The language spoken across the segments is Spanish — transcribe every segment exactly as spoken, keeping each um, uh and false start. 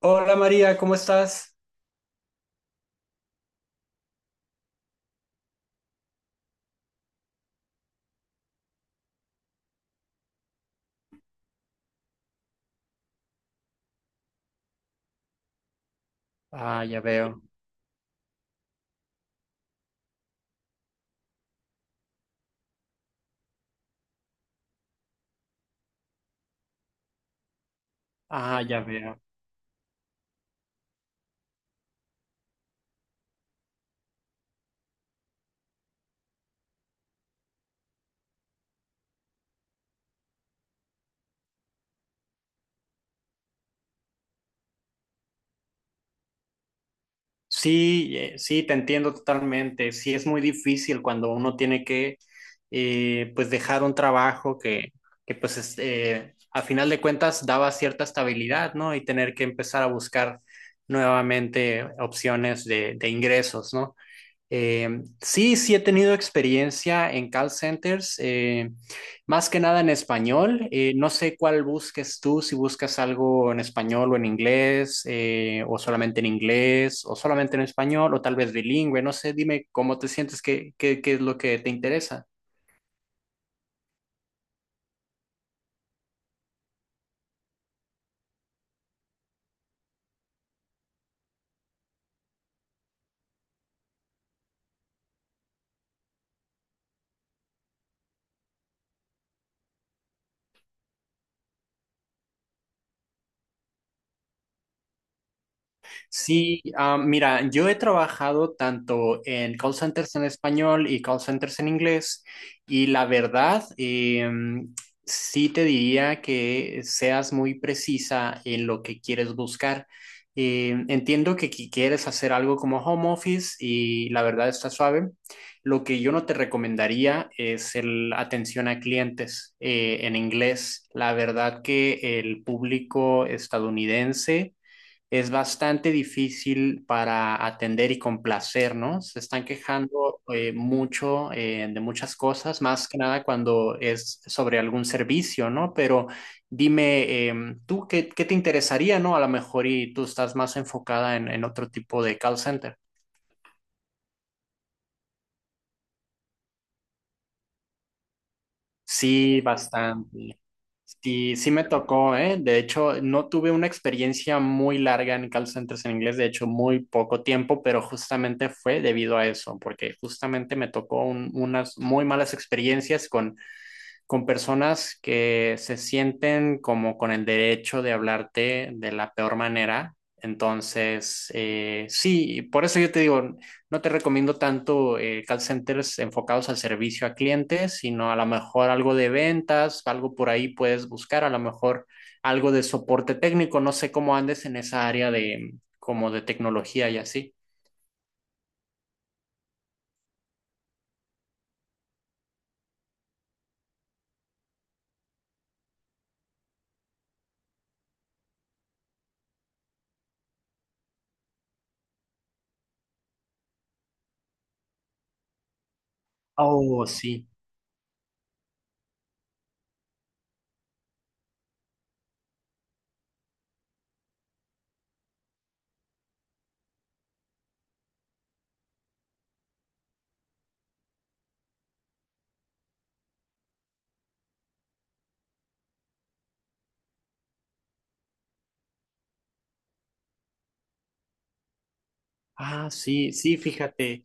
Hola María, ¿cómo estás? Ah, ya veo. Ah, ya veo. Sí, eh, sí, te entiendo totalmente. Sí, es muy difícil cuando uno tiene que, eh, pues, dejar un trabajo que, que pues, es, eh, a final de cuentas daba cierta estabilidad, ¿no? Y tener que empezar a buscar nuevamente opciones de, de ingresos, ¿no? Eh, sí, sí he tenido experiencia en call centers, eh, más que nada en español. Eh, no sé cuál busques tú, si buscas algo en español o en inglés, eh, o solamente en inglés, o solamente en español, o tal vez bilingüe. No sé, dime cómo te sientes, qué, qué, qué es lo que te interesa. Sí, ah, mira, yo he trabajado tanto en call centers en español y call centers en inglés y la verdad, eh, sí te diría que seas muy precisa en lo que quieres buscar. Eh, entiendo que qui- quieres hacer algo como home office y la verdad está suave. Lo que yo no te recomendaría es el atención a clientes eh, en inglés. La verdad que el público estadounidense es bastante difícil para atender y complacer, ¿no? Se están quejando eh, mucho eh, de muchas cosas, más que nada cuando es sobre algún servicio, ¿no? Pero dime, em, ¿tú qué, qué te interesaría? ¿No? A lo mejor y tú estás más enfocada en, en, otro tipo de call center. Sí, bastante. Sí, sí me tocó, ¿eh? De hecho, no tuve una experiencia muy larga en call centers en inglés, de hecho, muy poco tiempo, pero justamente fue debido a eso, porque justamente me tocó un- unas muy malas experiencias con con personas que se sienten como con el derecho de hablarte de la peor manera. Entonces, eh, sí, por eso yo te digo, no te recomiendo tanto eh, call centers enfocados al servicio a clientes, sino a lo mejor algo de ventas, algo por ahí puedes buscar, a lo mejor algo de soporte técnico, no sé cómo andes en esa área de como de tecnología y así. Oh, sí. Ah, sí, sí, fíjate.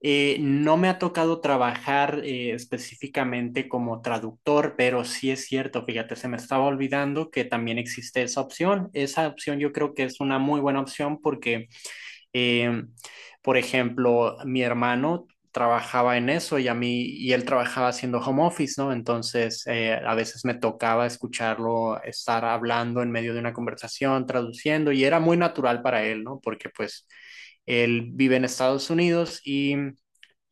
Eh, no me ha tocado trabajar eh, específicamente como traductor, pero sí es cierto, fíjate, se me estaba olvidando que también existe esa opción. Esa opción yo creo que es una muy buena opción porque eh, por ejemplo, mi hermano trabajaba en eso y a mí, y él trabajaba haciendo home office, ¿no? Entonces, eh, a veces me tocaba escucharlo estar hablando en medio de una conversación, traduciendo, y era muy natural para él, ¿no? Porque pues él vive en Estados Unidos y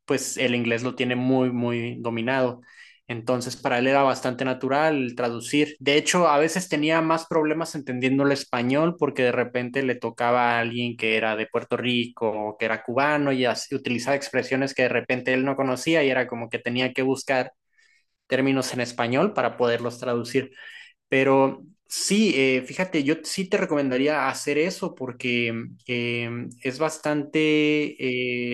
pues el inglés lo tiene muy, muy dominado. Entonces, para él era bastante natural el traducir. De hecho, a veces tenía más problemas entendiendo el español porque de repente le tocaba a alguien que era de Puerto Rico o que era cubano y así, utilizaba expresiones que de repente él no conocía y era como que tenía que buscar términos en español para poderlos traducir. Pero sí, eh, fíjate, yo sí te recomendaría hacer eso porque eh, es bastante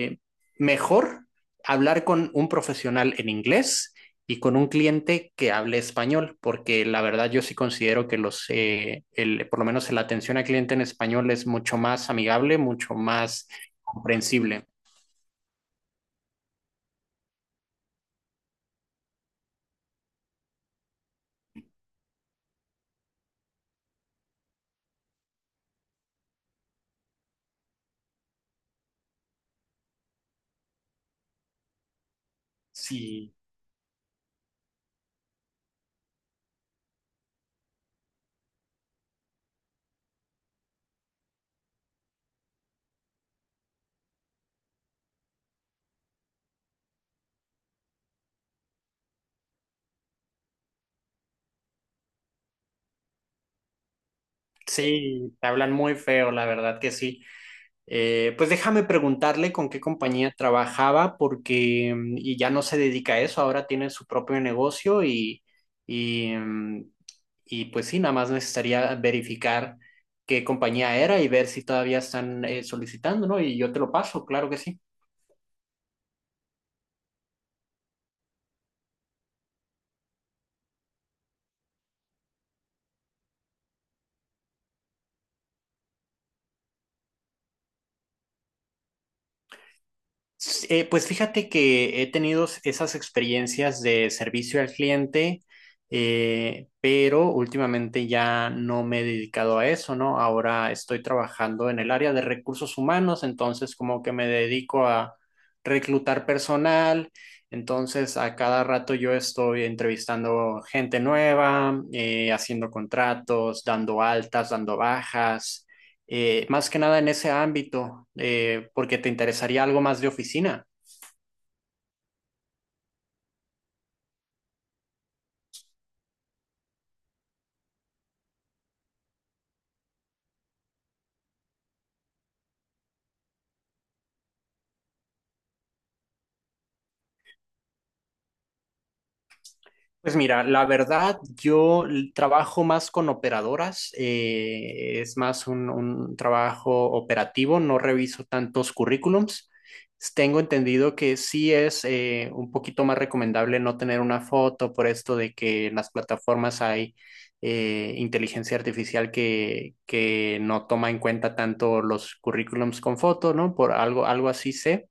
eh, mejor hablar con un profesional en inglés y con un cliente que hable español, porque la verdad yo sí considero que los, eh, el- por lo menos la atención al cliente en español es mucho más amigable, mucho más comprensible. Sí, sí, te hablan muy feo, la verdad que sí. Eh, pues déjame preguntarle con qué compañía trabajaba porque mm, y ya no se dedica a eso, ahora tiene su propio negocio y, y, mm, y pues sí, nada más necesitaría verificar qué compañía era y ver si todavía están eh, solicitando, ¿no? Y yo te lo paso, claro que sí. Eh, pues fíjate que he tenido esas experiencias de servicio al cliente, eh, pero últimamente ya no me he dedicado a eso, ¿no? Ahora estoy trabajando en el área de recursos humanos, entonces como que me dedico a reclutar personal, entonces a cada rato yo estoy entrevistando gente nueva, eh, haciendo contratos, dando altas, dando bajas eh, más que nada en ese ámbito, eh, porque te interesaría algo más de oficina. Pues mira, la verdad, yo l- trabajo más con operadoras, eh, es más un, un trabajo operativo, no reviso tantos currículums. Tengo entendido que sí es eh, un poquito más recomendable no tener una foto por esto de que en las plataformas hay eh, inteligencia artificial que, que no toma en cuenta tanto los currículums con foto, ¿no? Por algo, algo así sé.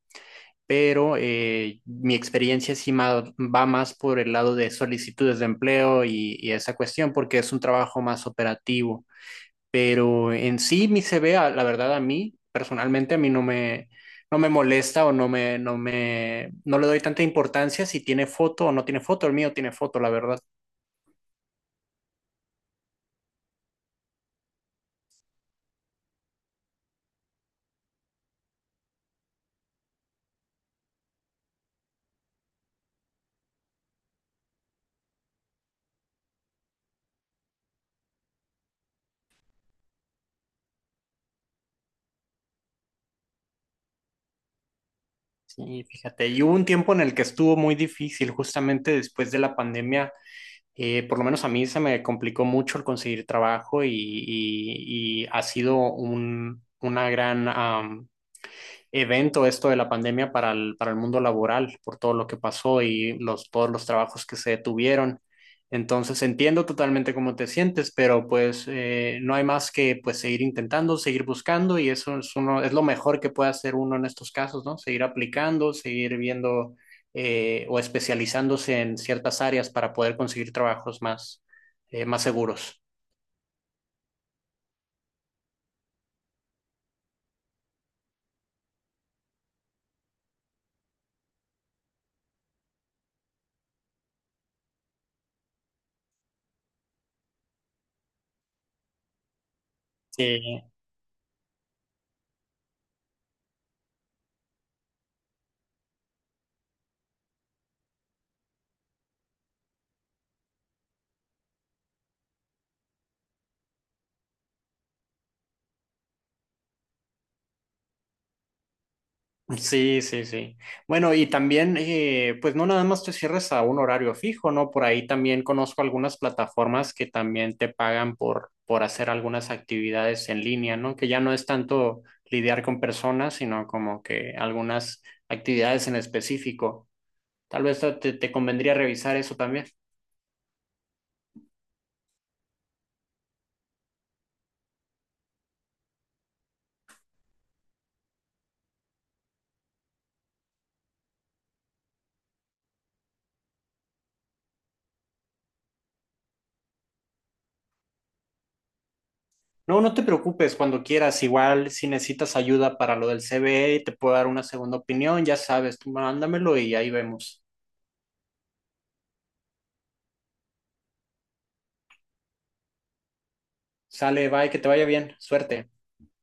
Pero eh, mi experiencia sí ma- va más por el lado de solicitudes de empleo y, y esa cuestión, porque es un trabajo más operativo. Pero en sí mi C V, a- la verdad, a mí, personalmente, a mí no me, no me molesta o no me, no me, no le doy tanta importancia si tiene foto o no tiene foto. El mío tiene foto, la verdad. Sí, fíjate. Y hubo un tiempo en el que estuvo muy difícil, justamente después de la pandemia. Eh, por lo menos a mí se me complicó mucho el conseguir trabajo y, y- y ha sido un, una gran, am, evento esto de la pandemia para el, para el mundo laboral, por todo lo que pasó y los, todos los trabajos que se detuvieron. Entonces entiendo totalmente cómo te sientes, pero pues eh, no hay más que pues seguir intentando, seguir buscando y eso es, uno, es lo mejor que puede hacer uno en estos casos, ¿no? Seguir aplicando, seguir viendo eh, o especializándose en ciertas áreas para poder conseguir trabajos más, eh, más seguros. Sí, Sí, sí, sí. Bueno, y también, eh, pues no nada más te cierres a un horario fijo, ¿no? Por ahí también conozco algunas plataformas que también te pagan por, por hacer algunas actividades en línea, ¿no? Que ya no es tanto lidiar con personas, sino como que algunas actividades en específico. Tal vez te, te convendría revisar eso también. No, no te preocupes, cuando quieras, igual si necesitas ayuda para lo del C CBE, te puedo dar una segunda opinión, ya sabes, tú mándamelo y ahí vemos. Sale, bye, que te vaya bien, suerte.